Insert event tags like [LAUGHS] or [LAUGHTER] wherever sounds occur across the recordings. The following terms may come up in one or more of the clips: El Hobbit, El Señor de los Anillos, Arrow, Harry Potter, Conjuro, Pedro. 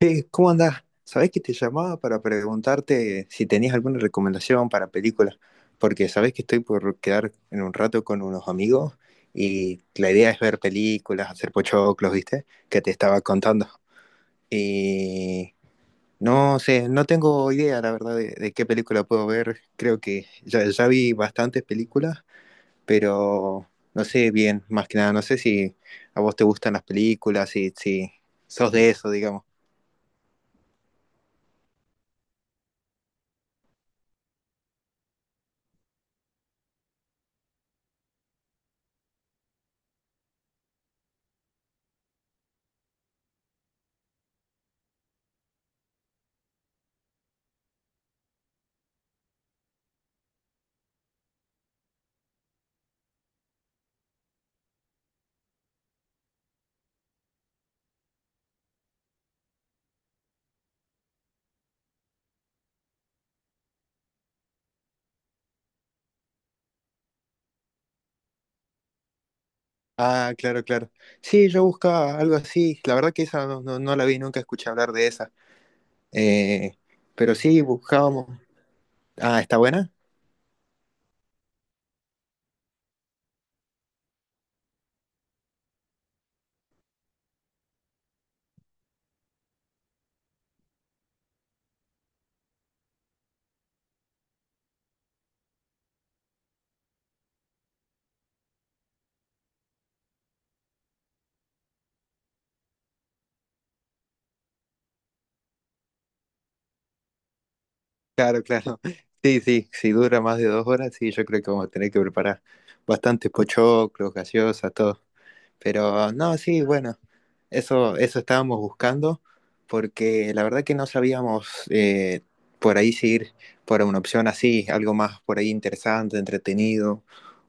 Hey, ¿cómo andás? Sabés que te llamaba para preguntarte si tenías alguna recomendación para películas, porque sabés que estoy por quedar en un rato con unos amigos y la idea es ver películas, hacer pochoclos, ¿viste? Que te estaba contando. Y no sé, no tengo idea, la verdad, de qué película puedo ver. Creo que ya vi bastantes películas, pero no sé bien, más que nada, no sé si a vos te gustan las películas, si sos de eso, digamos. Ah, claro, claro. Sí, yo buscaba algo así. La verdad que esa no no la vi, nunca escuché hablar de esa. Eh, pero sí, buscábamos. Ah, ¿está buena? Claro, [LAUGHS] claro. Sí, sí, si dura más de dos horas, sí, yo creo que vamos a tener que preparar bastantes pochoclos, gaseosas, todo. Pero no, sí, bueno, eso estábamos buscando porque la verdad que no sabíamos por ahí si ir por una opción así, algo más por ahí interesante, entretenido,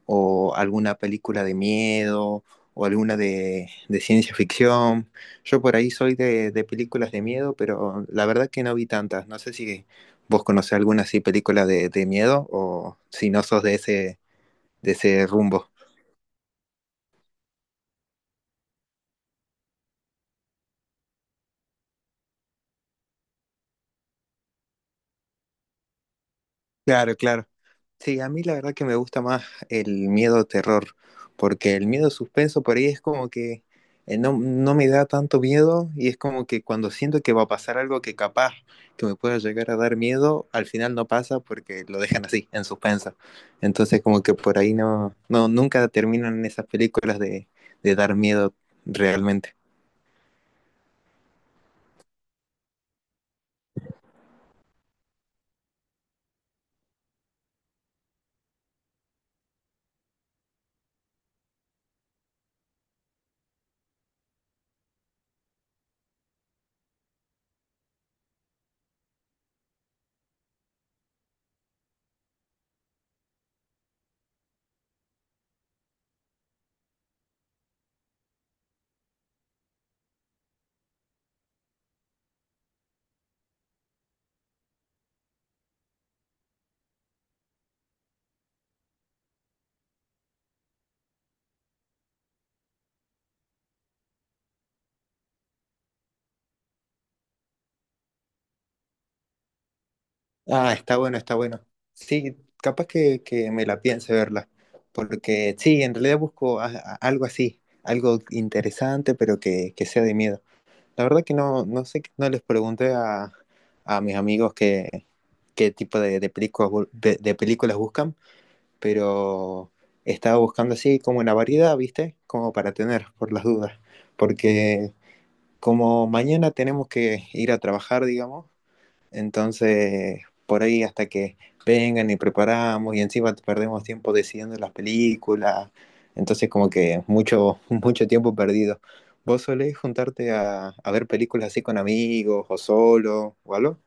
o alguna película de miedo, o alguna de ciencia ficción. Yo por ahí soy de películas de miedo, pero la verdad que no vi tantas. No sé si vos conocés alguna así película de miedo o si no sos de ese rumbo. Claro, claro. Sí, a mí la verdad que me gusta más el miedo terror, porque el miedo suspenso por ahí es como que no me da tanto miedo y es como que cuando siento que va a pasar algo que capaz que me pueda llegar a dar miedo, al final no pasa porque lo dejan así, en suspenso. Entonces como que por ahí no nunca terminan esas películas de dar miedo realmente. Ah, está bueno, está bueno. Sí, capaz que me la piense verla, porque sí, en realidad busco algo así, algo interesante, pero que sea de miedo. La verdad que no, no sé, no les pregunté a mis amigos qué, qué tipo de películas, de películas buscan, pero estaba buscando así como una variedad, ¿viste? Como para tener, por las dudas, porque como mañana tenemos que ir a trabajar, digamos. Entonces, por ahí hasta que vengan y preparamos y encima perdemos tiempo decidiendo las películas. Entonces, como que mucho, [LAUGHS] mucho tiempo perdido. ¿Vos solés juntarte a ver películas así con amigos o solo o algo?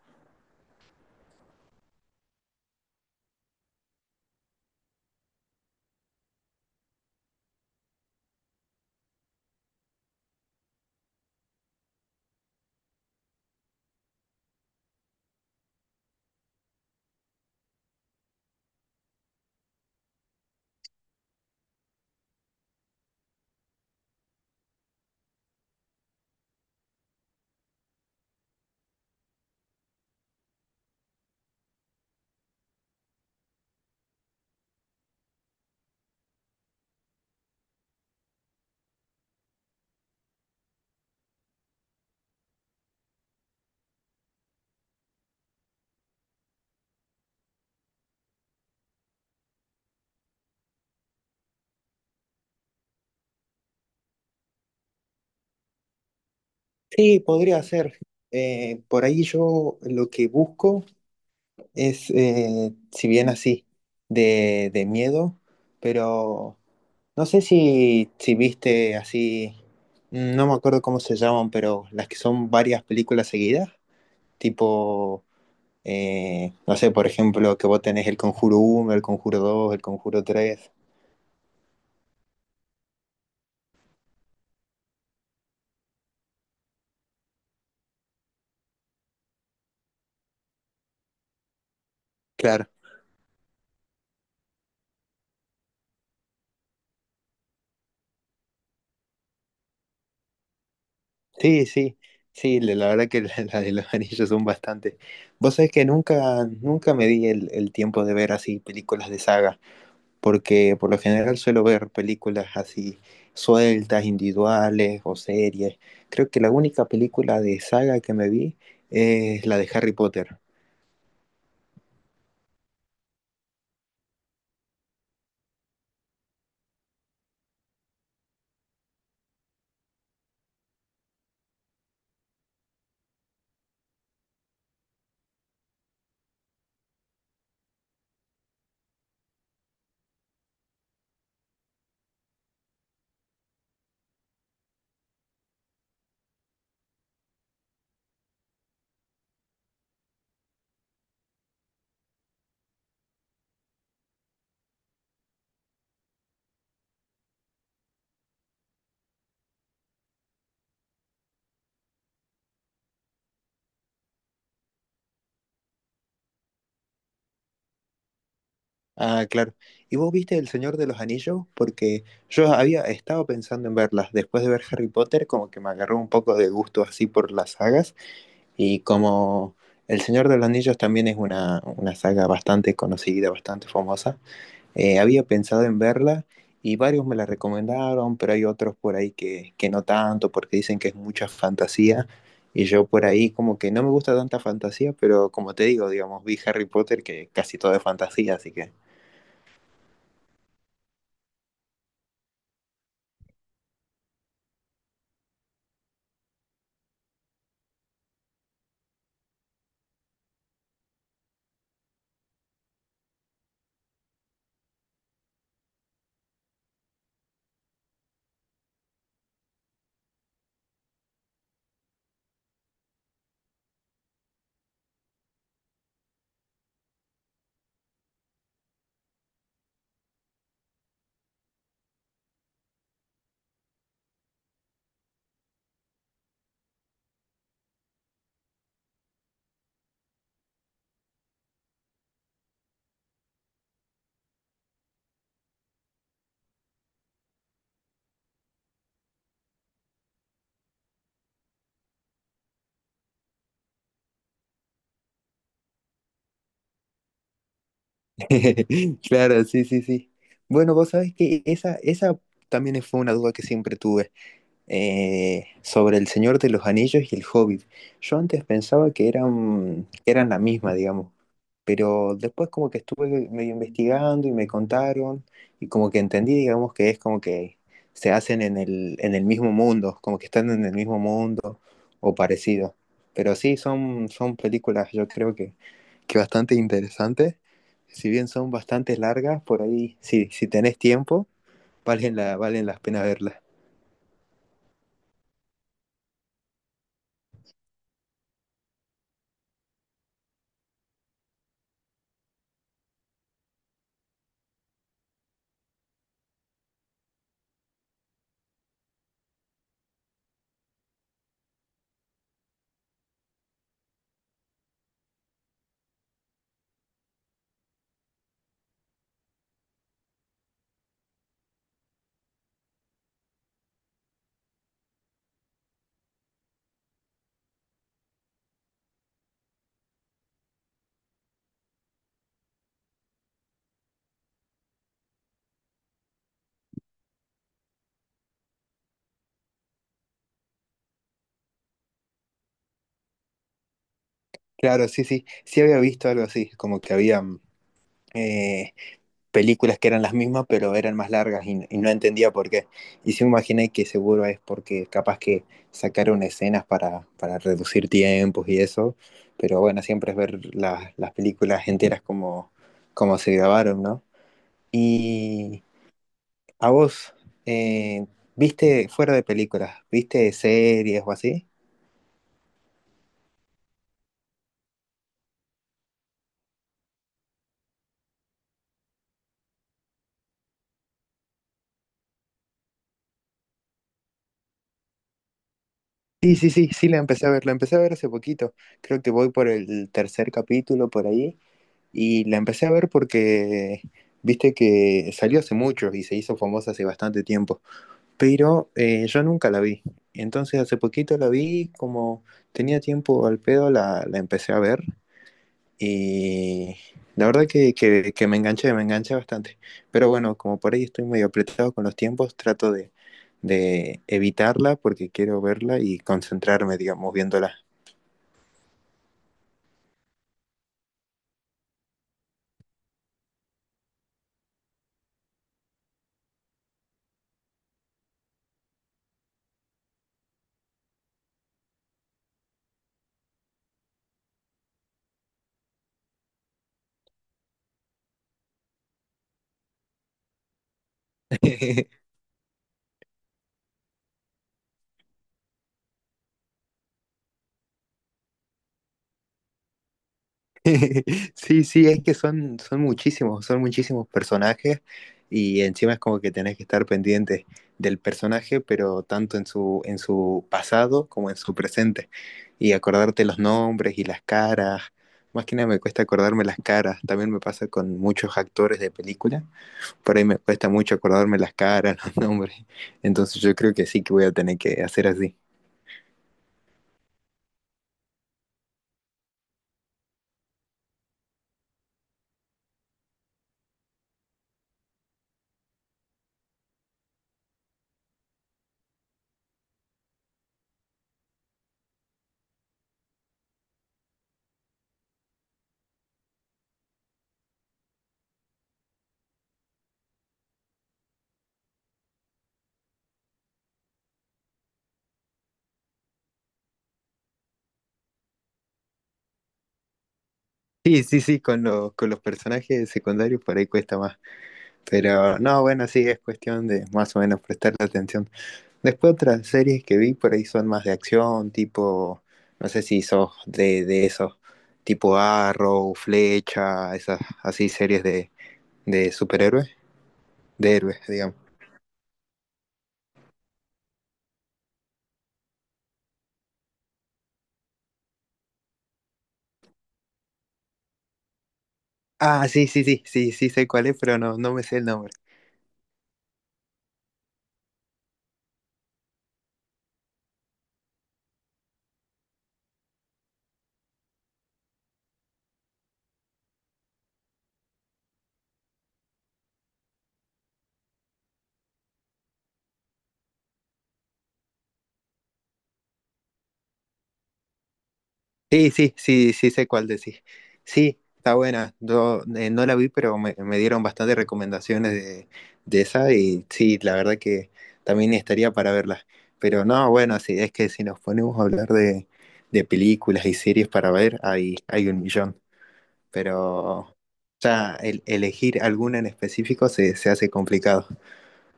Sí, podría ser. Por ahí yo lo que busco es, si bien así, de miedo, pero no sé si viste así, no me acuerdo cómo se llaman, pero las que son varias películas seguidas, tipo, no sé, por ejemplo, que vos tenés el Conjuro uno, el Conjuro dos, el Conjuro tres. Claro, sí, sí, sí, la verdad que [LAUGHS] las de los anillos son bastante. Vos sabés que nunca me di el tiempo de ver así películas de saga, porque por lo general suelo ver películas así sueltas, individuales o series. Creo que la única película de saga que me vi es la de Harry Potter. Ah, claro. ¿Y vos viste El Señor de los Anillos? Porque yo había estado pensando en verlas. Después de ver Harry Potter, como que me agarró un poco de gusto así por las sagas. Y como El Señor de los Anillos también es una saga bastante conocida, bastante famosa, había pensado en verla y varios me la recomendaron, pero hay otros por ahí que no tanto porque dicen que es mucha fantasía. Y yo por ahí como que no me gusta tanta fantasía, pero como te digo, digamos, vi Harry Potter que casi todo es fantasía, así que... [LAUGHS] Claro, sí, sí, sí. Bueno, vos sabés que esa también fue una duda que siempre tuve, sobre El Señor de los Anillos y El Hobbit. Yo antes pensaba que eran la misma, digamos, pero después como que estuve medio investigando y me contaron y como que entendí, digamos, que es como que se hacen en el mismo mundo, como que están en el mismo mundo o parecido. Pero sí, son, son películas, yo creo que bastante interesantes. Si bien son bastante largas, por ahí, si tenés tiempo, valen valen las pena verlas. Claro, sí, sí. Sí había visto algo así, como que había eh, películas que eran las mismas, pero eran más largas y no entendía por qué. Y sí me imaginé que seguro es porque capaz que sacaron escenas para reducir tiempos y eso, pero bueno, siempre es ver las películas enteras como, como se grabaron, ¿no? Y a vos, eh, ¿viste fuera de películas? ¿Viste series o así? Sí, sí, sí, sí, la empecé a ver, la empecé a ver hace poquito. Creo que voy por el tercer capítulo por ahí. Y la empecé a ver porque, viste que salió hace mucho y se hizo famosa hace bastante tiempo. Pero yo nunca la vi. Entonces hace poquito la vi, como tenía tiempo al pedo, la empecé a ver. Y la verdad que, que me enganché bastante. Pero bueno, como por ahí estoy medio apretado con los tiempos, trato de evitarla porque quiero verla y concentrarme, digamos, viéndola. [LAUGHS] [LAUGHS] Sí, sí, es que son, son muchísimos personajes y encima es como que tenés que estar pendiente del personaje, pero tanto en su pasado como en su presente y acordarte los nombres y las caras. Más que nada me cuesta acordarme las caras, también me pasa con muchos actores de película, por ahí me cuesta mucho acordarme las caras, [LAUGHS] los nombres, entonces yo creo que sí que voy a tener que hacer así. Sí, sí, sí, con con los personajes secundarios por ahí cuesta más. Pero no, bueno, sí, es cuestión de más o menos prestarle atención. Después otras series que vi por ahí son más de acción, tipo, no sé si sos de esos, tipo Arrow, Flecha, esas así series de superhéroes, de héroes, digamos. Ah, sí, sí, sí, sí, sí sé cuál es, pero no, no me sé el nombre. Sí, sí, sí, sí sé cuál decís. Sí, está buena. Yo no la vi, pero me dieron bastantes recomendaciones de esa y sí, la verdad que también estaría para verla. Pero no, bueno, sí, es que si nos ponemos a hablar de películas y series para ver, hay un millón. Pero ya elegir alguna en específico se hace complicado.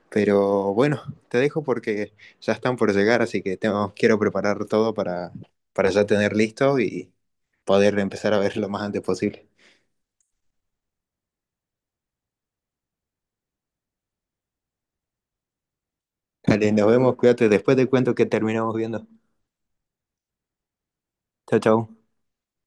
Pero bueno, te dejo porque ya están por llegar, así que tengo, quiero preparar todo para ya tener listo y poder empezar a ver lo más antes posible. Dale, nos vemos, cuídate, después te cuento que terminamos viendo. Chao, chao.